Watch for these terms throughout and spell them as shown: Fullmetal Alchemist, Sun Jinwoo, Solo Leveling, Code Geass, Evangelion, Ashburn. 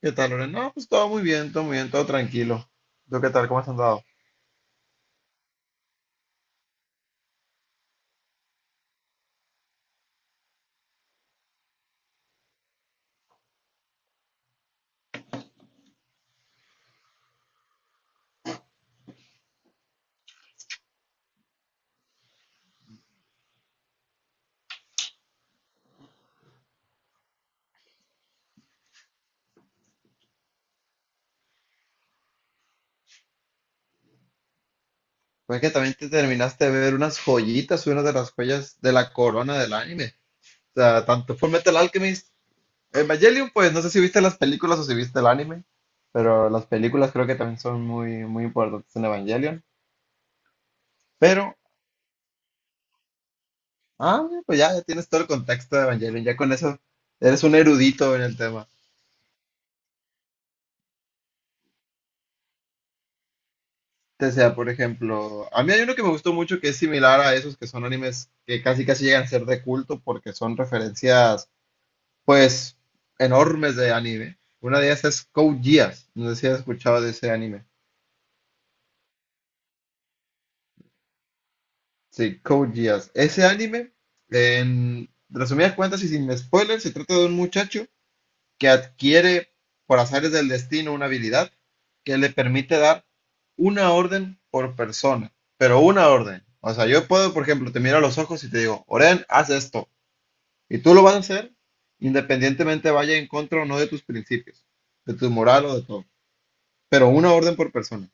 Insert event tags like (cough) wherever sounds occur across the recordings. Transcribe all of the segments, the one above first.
¿Qué tal, Loren? No, pues todo muy bien, todo muy bien, todo tranquilo. ¿Tú qué tal? ¿Cómo has andado? Fue que también te terminaste de ver unas joyitas, una de las joyas de la corona del anime. O sea, tanto Fullmetal Alchemist, Evangelion, pues no sé si viste las películas o si viste el anime, pero las películas creo que también son muy, muy importantes en Evangelion. Pero, pues ya tienes todo el contexto de Evangelion, ya con eso eres un erudito en el tema. O sea, por ejemplo, a mí hay uno que me gustó mucho que es similar a esos que son animes que casi casi llegan a ser de culto porque son referencias, pues, enormes de anime. Una de ellas es Code Geass. No sé si has escuchado de ese anime. Sí, Code Geass. Ese anime, en resumidas cuentas y sin spoilers, se trata de un muchacho que adquiere por azares del destino una habilidad que le permite dar una orden por persona, pero una orden. O sea, yo puedo, por ejemplo, te miro a los ojos y te digo, Oren, haz esto, y tú lo vas a hacer independientemente vaya en contra o no de tus principios, de tu moral o de todo, pero una orden por persona.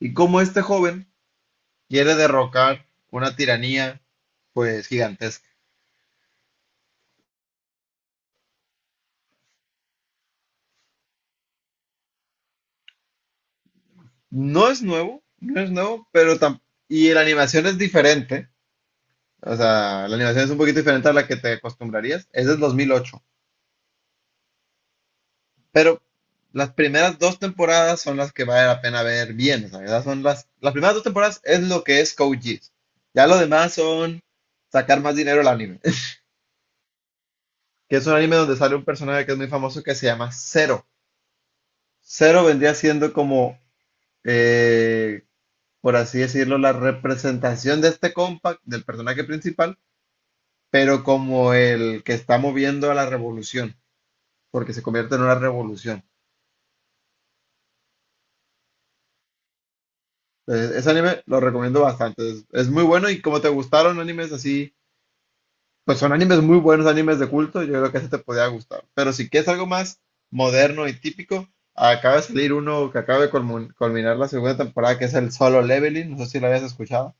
Y como este joven quiere derrocar una tiranía, pues gigantesca. No es nuevo, no es nuevo, pero y la animación es diferente. O sea, la animación es un poquito diferente a la que te acostumbrarías. Es del 2008. Pero las primeras dos temporadas son las que vale la pena ver bien. O sea, ¿verdad? Son las primeras dos temporadas es lo que es Code Geass. Ya lo demás son sacar más dinero al anime. (laughs) Que es un anime donde sale un personaje que es muy famoso que se llama Zero. Zero vendría siendo como, eh, por así decirlo, la representación de este compa del personaje principal, pero como el que está moviendo a la revolución, porque se convierte en una revolución. Ese anime lo recomiendo bastante. Es muy bueno y como te gustaron animes así, pues son animes muy buenos, animes de culto, yo creo que ese te podía gustar. Pero si quieres algo más moderno y típico, acaba de salir uno que acaba de culminar la segunda temporada, que es el Solo Leveling. No sé si lo habías escuchado.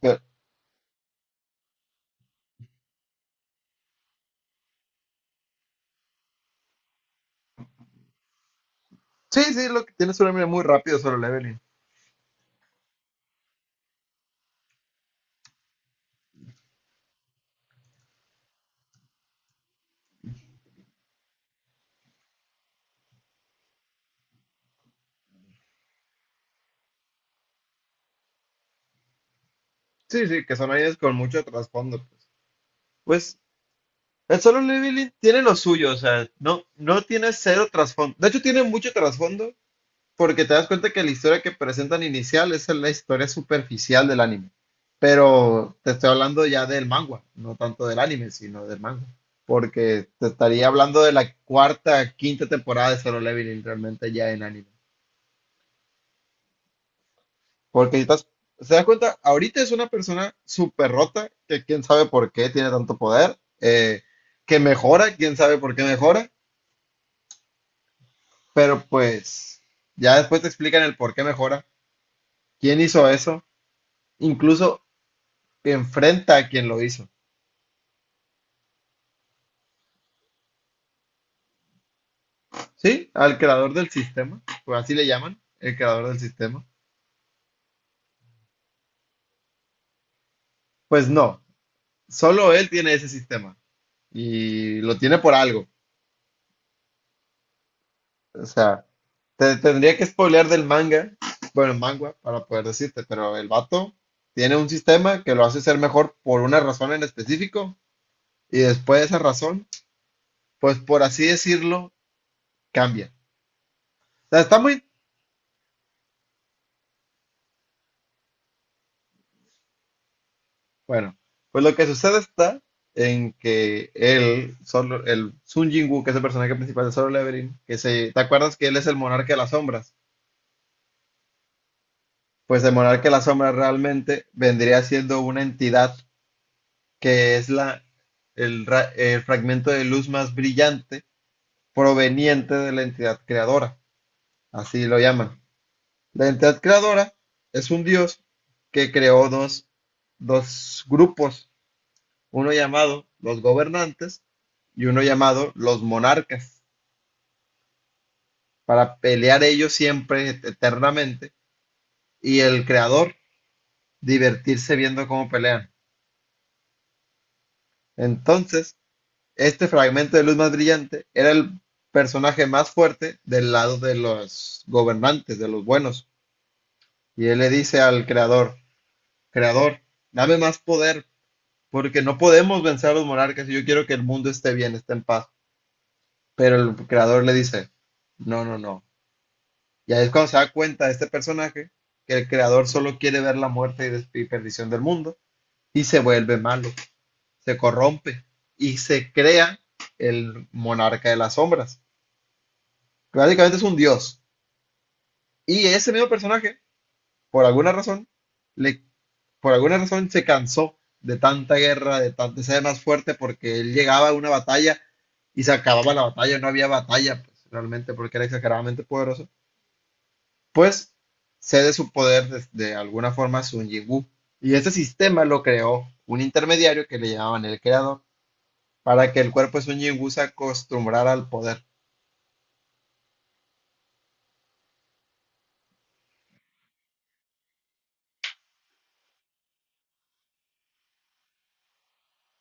Pero, sí, sí, lo que tiene es un anime muy rápido, Solo Leveling. Sí, sí, que son animes con mucho trasfondo. Pues, el Solo Leveling tiene lo suyo, o sea, no tiene cero trasfondo. De hecho, tiene mucho trasfondo porque te das cuenta que la historia que presentan inicial es la historia superficial del anime. Pero te estoy hablando ya del manga, no tanto del anime, sino del manga. Porque te estaría hablando de la cuarta, quinta temporada de Solo Leveling realmente ya en anime. Porque estás, se das cuenta, ahorita es una persona súper rota, que quién sabe por qué tiene tanto poder, que mejora, quién sabe por qué mejora, pero pues ya después te explican el por qué mejora, quién hizo eso, incluso enfrenta a quien lo hizo, ¿sí? Al creador del sistema, pues así le llaman, el creador del sistema. Pues no, solo él tiene ese sistema y lo tiene por algo. O sea, te tendría que spoilear del manga, bueno, manga, para poder decirte, pero el vato tiene un sistema que lo hace ser mejor por una razón en específico y después de esa razón, pues por así decirlo, cambia. O sea, está muy, bueno, pues lo que sucede está en que solo, el Sun Jinwoo, que es el personaje principal de Solo Leveling, ¿te acuerdas que él es el monarca de las sombras? Pues el monarca de las sombras realmente vendría siendo una entidad que es el fragmento de luz más brillante proveniente de la entidad creadora, así lo llaman. La entidad creadora es un dios que creó dos grupos, uno llamado los gobernantes y uno llamado los monarcas, para pelear ellos siempre, eternamente, y el creador divertirse viendo cómo pelean. Entonces, este fragmento de luz más brillante era el personaje más fuerte del lado de los gobernantes, de los buenos. Y él le dice al creador, creador, dame más poder, porque no podemos vencer a los monarcas y yo quiero que el mundo esté bien, esté en paz. Pero el creador le dice, no, no, no. Y ahí es cuando se da cuenta este personaje que el creador solo quiere ver la muerte y, y perdición del mundo y se vuelve malo, se corrompe y se crea el monarca de las sombras, que básicamente es un dios. Y ese mismo personaje, por alguna razón, le, por alguna razón se cansó de tanta guerra, de ser más fuerte, porque él llegaba a una batalla y se acababa la batalla, no había batalla, pues, realmente, porque era exageradamente poderoso. Pues cede su poder de alguna forma a Sun Jinwoo. Y este sistema lo creó un intermediario que le llamaban el creador, para que el cuerpo de Sun Jinwoo se acostumbrara al poder.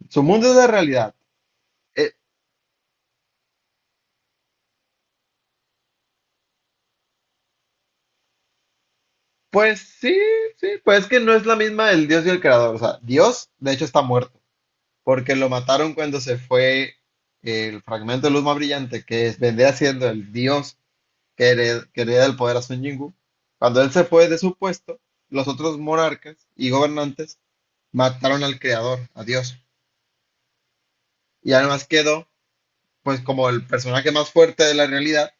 Su mundo es la realidad. Eh, pues sí, sí, pues es que no es la misma el Dios y el creador. O sea, Dios, de hecho, está muerto, porque lo mataron cuando se fue el fragmento de luz más brillante, que es, vendría siendo el Dios que hereda el poder a Sun Jingu. Cuando él se fue de su puesto, los otros monarcas y gobernantes mataron al creador, a Dios. Y además quedó, pues, como el personaje más fuerte de la realidad,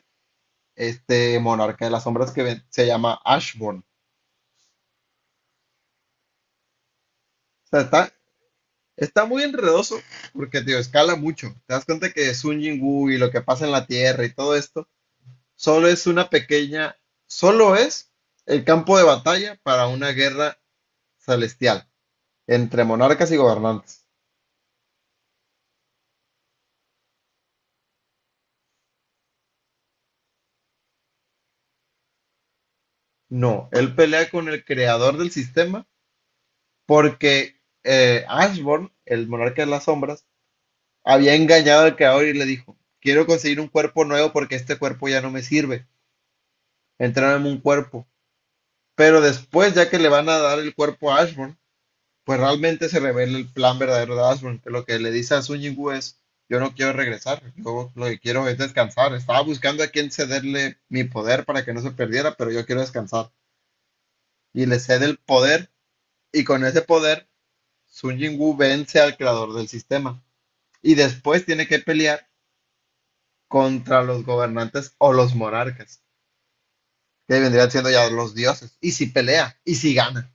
este monarca de las sombras que se llama Ashburn. O sea, está, está muy enredoso porque, tío, escala mucho. Te das cuenta que Sun Jingu y lo que pasa en la Tierra y todo esto, solo es una pequeña, solo es el campo de batalla para una guerra celestial entre monarcas y gobernantes. No, él pelea con el creador del sistema porque Ashborn, el monarca de las sombras, había engañado al creador y le dijo, quiero conseguir un cuerpo nuevo porque este cuerpo ya no me sirve, entrárame un cuerpo. Pero después, ya que le van a dar el cuerpo a Ashburn, pues realmente se revela el plan verdadero de Ashburn, que lo que le dice a Sun Yingu es, yo no quiero regresar, yo lo que quiero es descansar. Estaba buscando a quien cederle mi poder para que no se perdiera, pero yo quiero descansar. Y le cede el poder, y con ese poder, Sun Yingu vence al creador del sistema. Y después tiene que pelear contra los gobernantes o los monarcas, que vendrían siendo ya los dioses. Y si pelea, y si gana.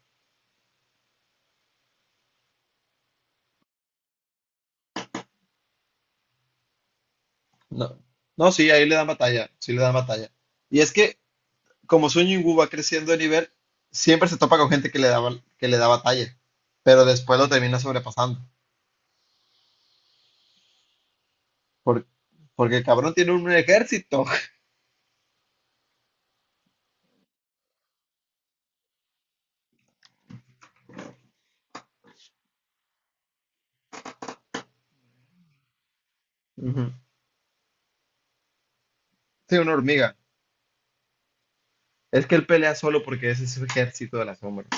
No, no, sí, ahí le dan batalla, sí le dan batalla. Y es que como Sun Yungu va creciendo de nivel, siempre se topa con gente que le da, que le da batalla, pero después lo termina sobrepasando. Por- porque el cabrón tiene un ejército. (laughs) Ujú. Tiene una hormiga. Es que él pelea solo porque ese es su ejército de las sombras.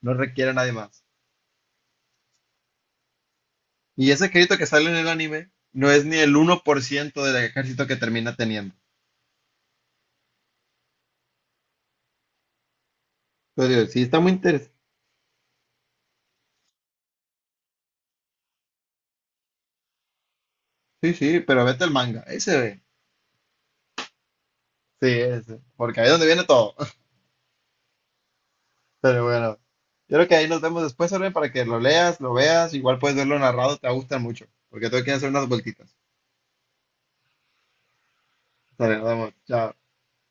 No requiere a nadie más. Y ese ejército que sale en el anime no es ni el 1% del ejército que termina teniendo. Pero digo, sí, está muy interesante. Sí, sí, pero vete al manga. Ese, ve. Sí, ese. Porque ahí es donde viene todo. (laughs) Pero bueno, yo creo que ahí nos vemos después, Orbe, para que lo leas, lo veas. Igual puedes verlo narrado, te va a gustar mucho. Porque tengo que hacer unas vueltitas. Dale, nos vemos. Chao.